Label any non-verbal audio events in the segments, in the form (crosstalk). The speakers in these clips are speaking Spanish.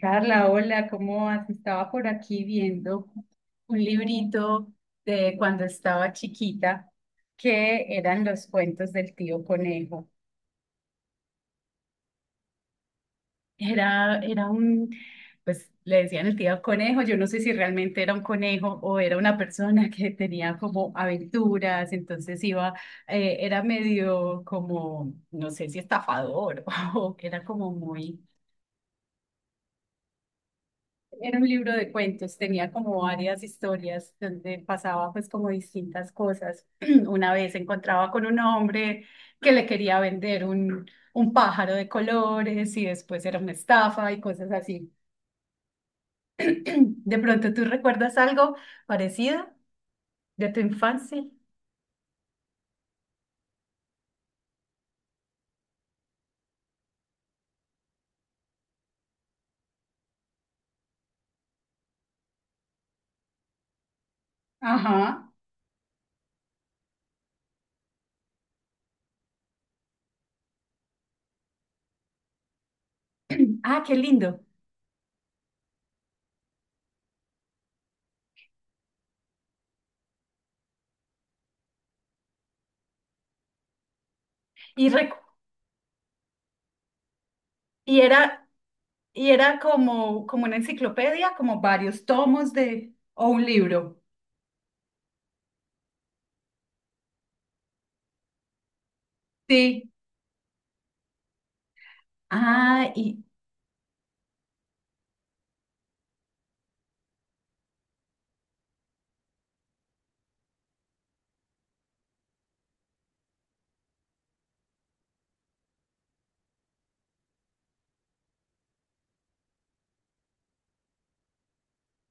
Carla, hola, ¿cómo vas? Estaba por aquí viendo un librito de cuando estaba chiquita, que eran los cuentos del tío Conejo. Era, era un, pues le decían el tío Conejo, yo no sé si realmente era un conejo o era una persona que tenía como aventuras, entonces iba, era medio como, no sé si estafador (laughs) o era como muy. Era un libro de cuentos, tenía como varias historias donde pasaba pues como distintas cosas. (clears throat) Una vez se encontraba con un hombre que le quería vender un pájaro de colores y después era una estafa y cosas así. ¿De pronto tú recuerdas algo parecido de tu infancia? Ajá. Ah, qué lindo. Y, recu- y era, y era como, como una enciclopedia, como varios tomos de, o un libro. Sí, ah, y,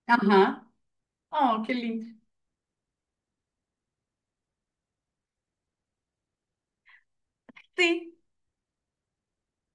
ajá. Oh, qué lindo. Sí,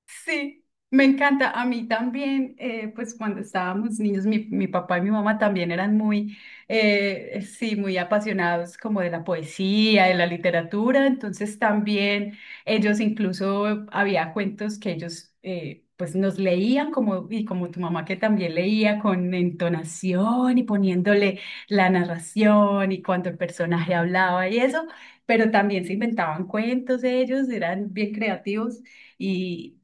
sí, me encanta. A mí también, pues cuando estábamos niños, mi papá y mi mamá también eran muy, sí, muy apasionados como de la poesía, de la literatura. Entonces también ellos, incluso había cuentos que ellos, pues nos leían como, y como tu mamá que también leía con entonación y poniéndole la narración y cuando el personaje hablaba y eso, pero también se inventaban cuentos ellos, eran bien creativos. Y,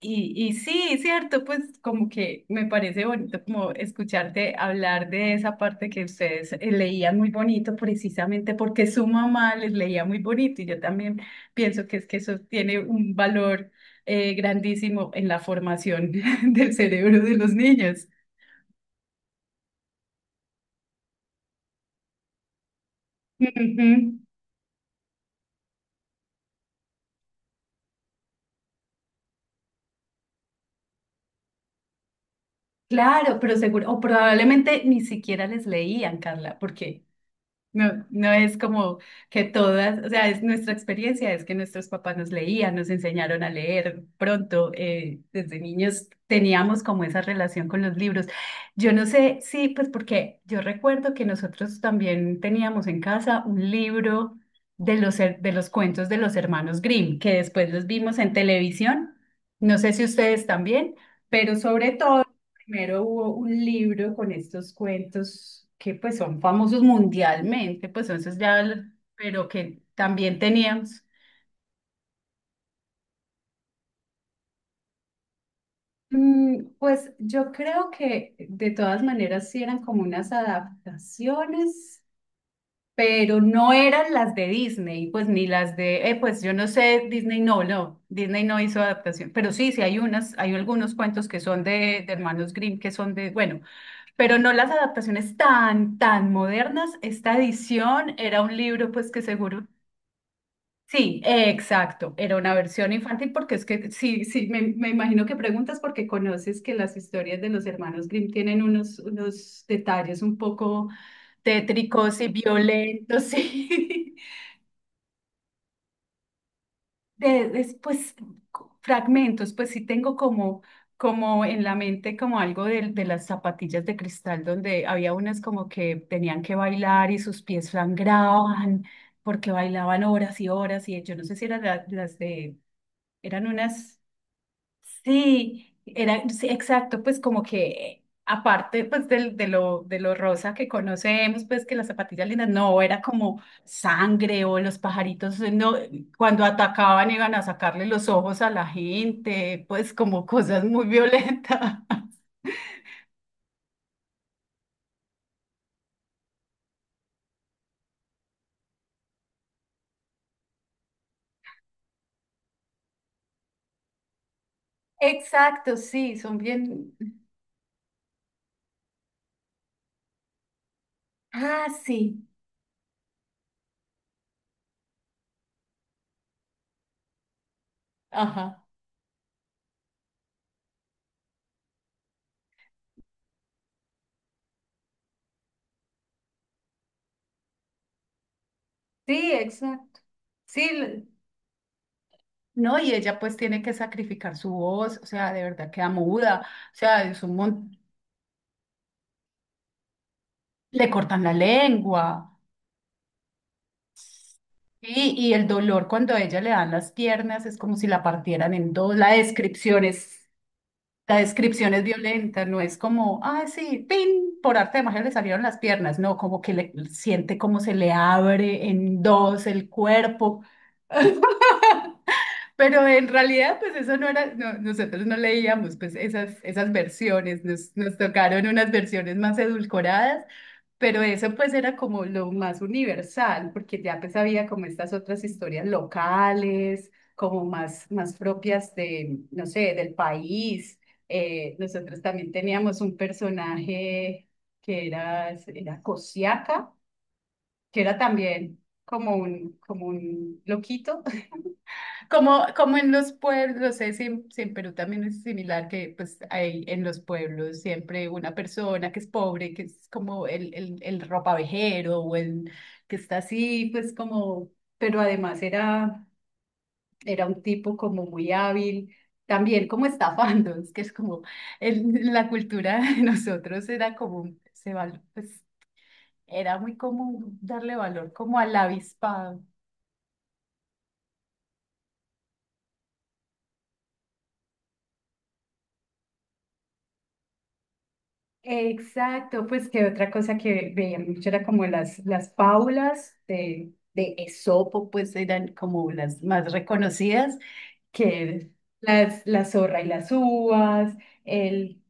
y sí, cierto, pues como que me parece bonito como escucharte hablar de esa parte que ustedes, leían muy bonito precisamente porque su mamá les leía muy bonito, y yo también pienso que es que eso tiene un valor, grandísimo en la formación (laughs) del cerebro de los niños. Ujú. Claro, pero seguro, o probablemente ni siquiera les leían, Carla, porque no, no es como que todas, o sea, es nuestra experiencia, es que nuestros papás nos leían, nos enseñaron a leer pronto, desde niños teníamos como esa relación con los libros. Yo no sé, sí, pues porque yo recuerdo que nosotros también teníamos en casa un libro de de los cuentos de los hermanos Grimm, que después los vimos en televisión, no sé si ustedes también, pero sobre todo... Primero hubo un libro con estos cuentos que pues son famosos mundialmente, pues entonces ya, l-, pero que también teníamos. Mm, pues yo creo que de todas maneras sí eran como unas adaptaciones, pero no eran las de Disney, pues ni las de, pues yo no sé, Disney no, no, Disney no hizo adaptación, pero sí, sí hay unas, hay algunos cuentos que son de Hermanos Grimm que son de, bueno. Pero no las adaptaciones tan, tan modernas. Esta edición era un libro, pues que seguro. Sí, exacto, era una versión infantil porque es que sí, sí, me imagino que preguntas porque conoces que las historias de los hermanos Grimm tienen unos, unos detalles un poco tétricos y violentos, sí. (laughs) Pues fragmentos, pues sí tengo como, como en la mente como algo de las zapatillas de cristal donde había unas como que tenían que bailar y sus pies sangraban porque bailaban horas y horas, y yo no sé si eran las de, eran unas... Sí, era, sí, exacto, pues como que aparte pues de lo rosa que conocemos, pues que las zapatillas lindas, no, era como sangre o los pajaritos, no, cuando atacaban iban a sacarle los ojos a la gente, pues como cosas muy violentas. (laughs) Exacto, sí, son bien. Ah, sí, ajá, sí, exacto. Sí, l-, no, y ella pues tiene que sacrificar su voz, o sea, de verdad queda muda, o sea, es un montón. Le cortan la lengua. Sí, y el dolor cuando a ella le dan las piernas es como si la partieran en dos. La descripción es violenta, no es como, ah, sí, pin, por arte de magia le salieron las piernas. No, como que le siente como se le abre en dos el cuerpo. Pero en realidad, pues eso no era, no, nosotros no leíamos pues esas, esas versiones, nos, nos tocaron unas versiones más edulcoradas. Pero eso pues era como lo más universal, porque ya pues había como estas otras historias locales, como más, más propias de, no sé, del país. Nosotros también teníamos un personaje era Cosiaca, que era también como un loquito como, como en los pueblos, no sé si, en si en Perú también es similar, que pues hay en los pueblos siempre una persona que es pobre, que es como el ropavejero o el que está así, pues como, pero además era un tipo como muy hábil, también como estafando, es que es como, el la cultura de nosotros era como, se val-, pues era muy común darle valor como al avispado. Exacto, pues que otra cosa que veía mucho era como las fábulas de Esopo, pues eran como las más reconocidas, que las, la zorra y las uvas, el.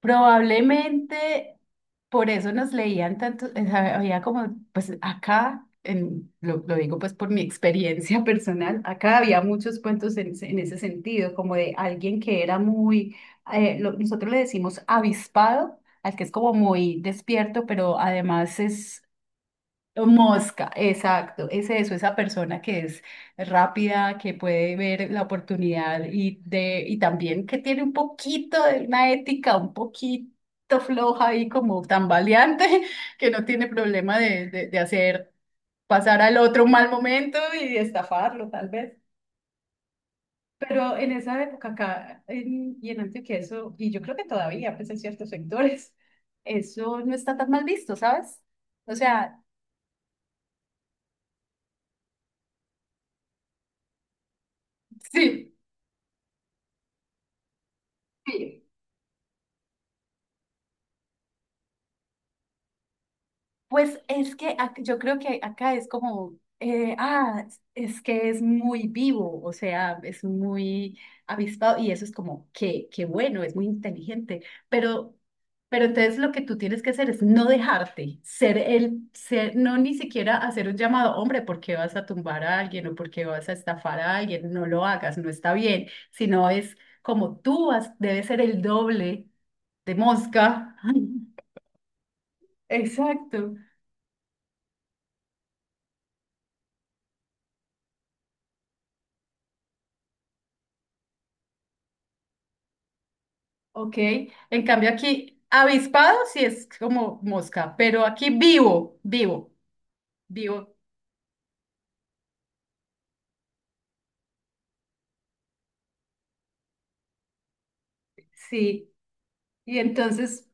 Probablemente por eso nos leían tanto, o sea, había como, pues acá, lo digo pues por mi experiencia (laughs) personal, acá había muchos cuentos ese en ese sentido, como de alguien que era muy, nosotros le decimos avispado, al que es como muy despierto, pero además es mosca, exacto, es eso, esa persona que es rápida, que puede ver la oportunidad y también que tiene un poquito de una ética, un poquito floja y como tambaleante, (laughs) que no tiene problema de hacer pasar al otro un mal momento y de estafarlo tal vez. Pero en esa época acá en-, y en Antioquia eso, y yo creo que todavía, pues en ciertos sectores, eso no está tan mal visto, ¿sabes? O sea, sí. Sí, pues es que ac-, yo creo que acá es como, es que es muy vivo, o sea, es muy avispado y eso es como, qué, qué bueno, es muy inteligente, pero, pero entonces lo que tú tienes que hacer es no dejarte, ser ser, no ni siquiera hacer un llamado, hombre, ¿por qué vas a tumbar a alguien o por qué vas a estafar a alguien? No lo hagas, no está bien, sino es como tú has-, debes ser el doble de mosca. (laughs) Exacto. Ok, en cambio aquí avispado sí es como mosca, pero aquí vivo, vivo, vivo, sí. Y entonces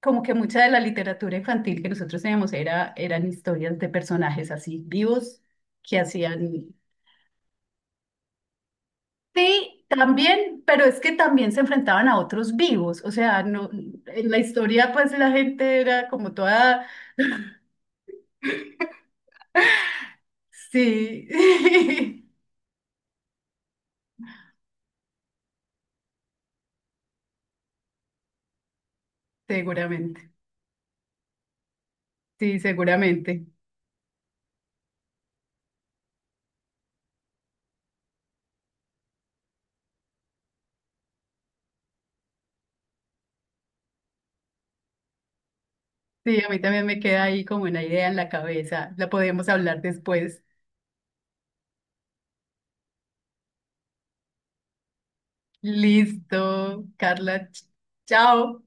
como que mucha de la literatura infantil que nosotros teníamos era, eran historias de personajes así vivos que hacían... Sí, también, pero es que también se enfrentaban a otros vivos, o sea, no, en la historia pues la gente era como toda... Sí, (laughs) seguramente, sí, seguramente. Sí, a mí también me queda ahí como una idea en la cabeza. La podemos hablar después. Listo, Carla. Ch-. Chao.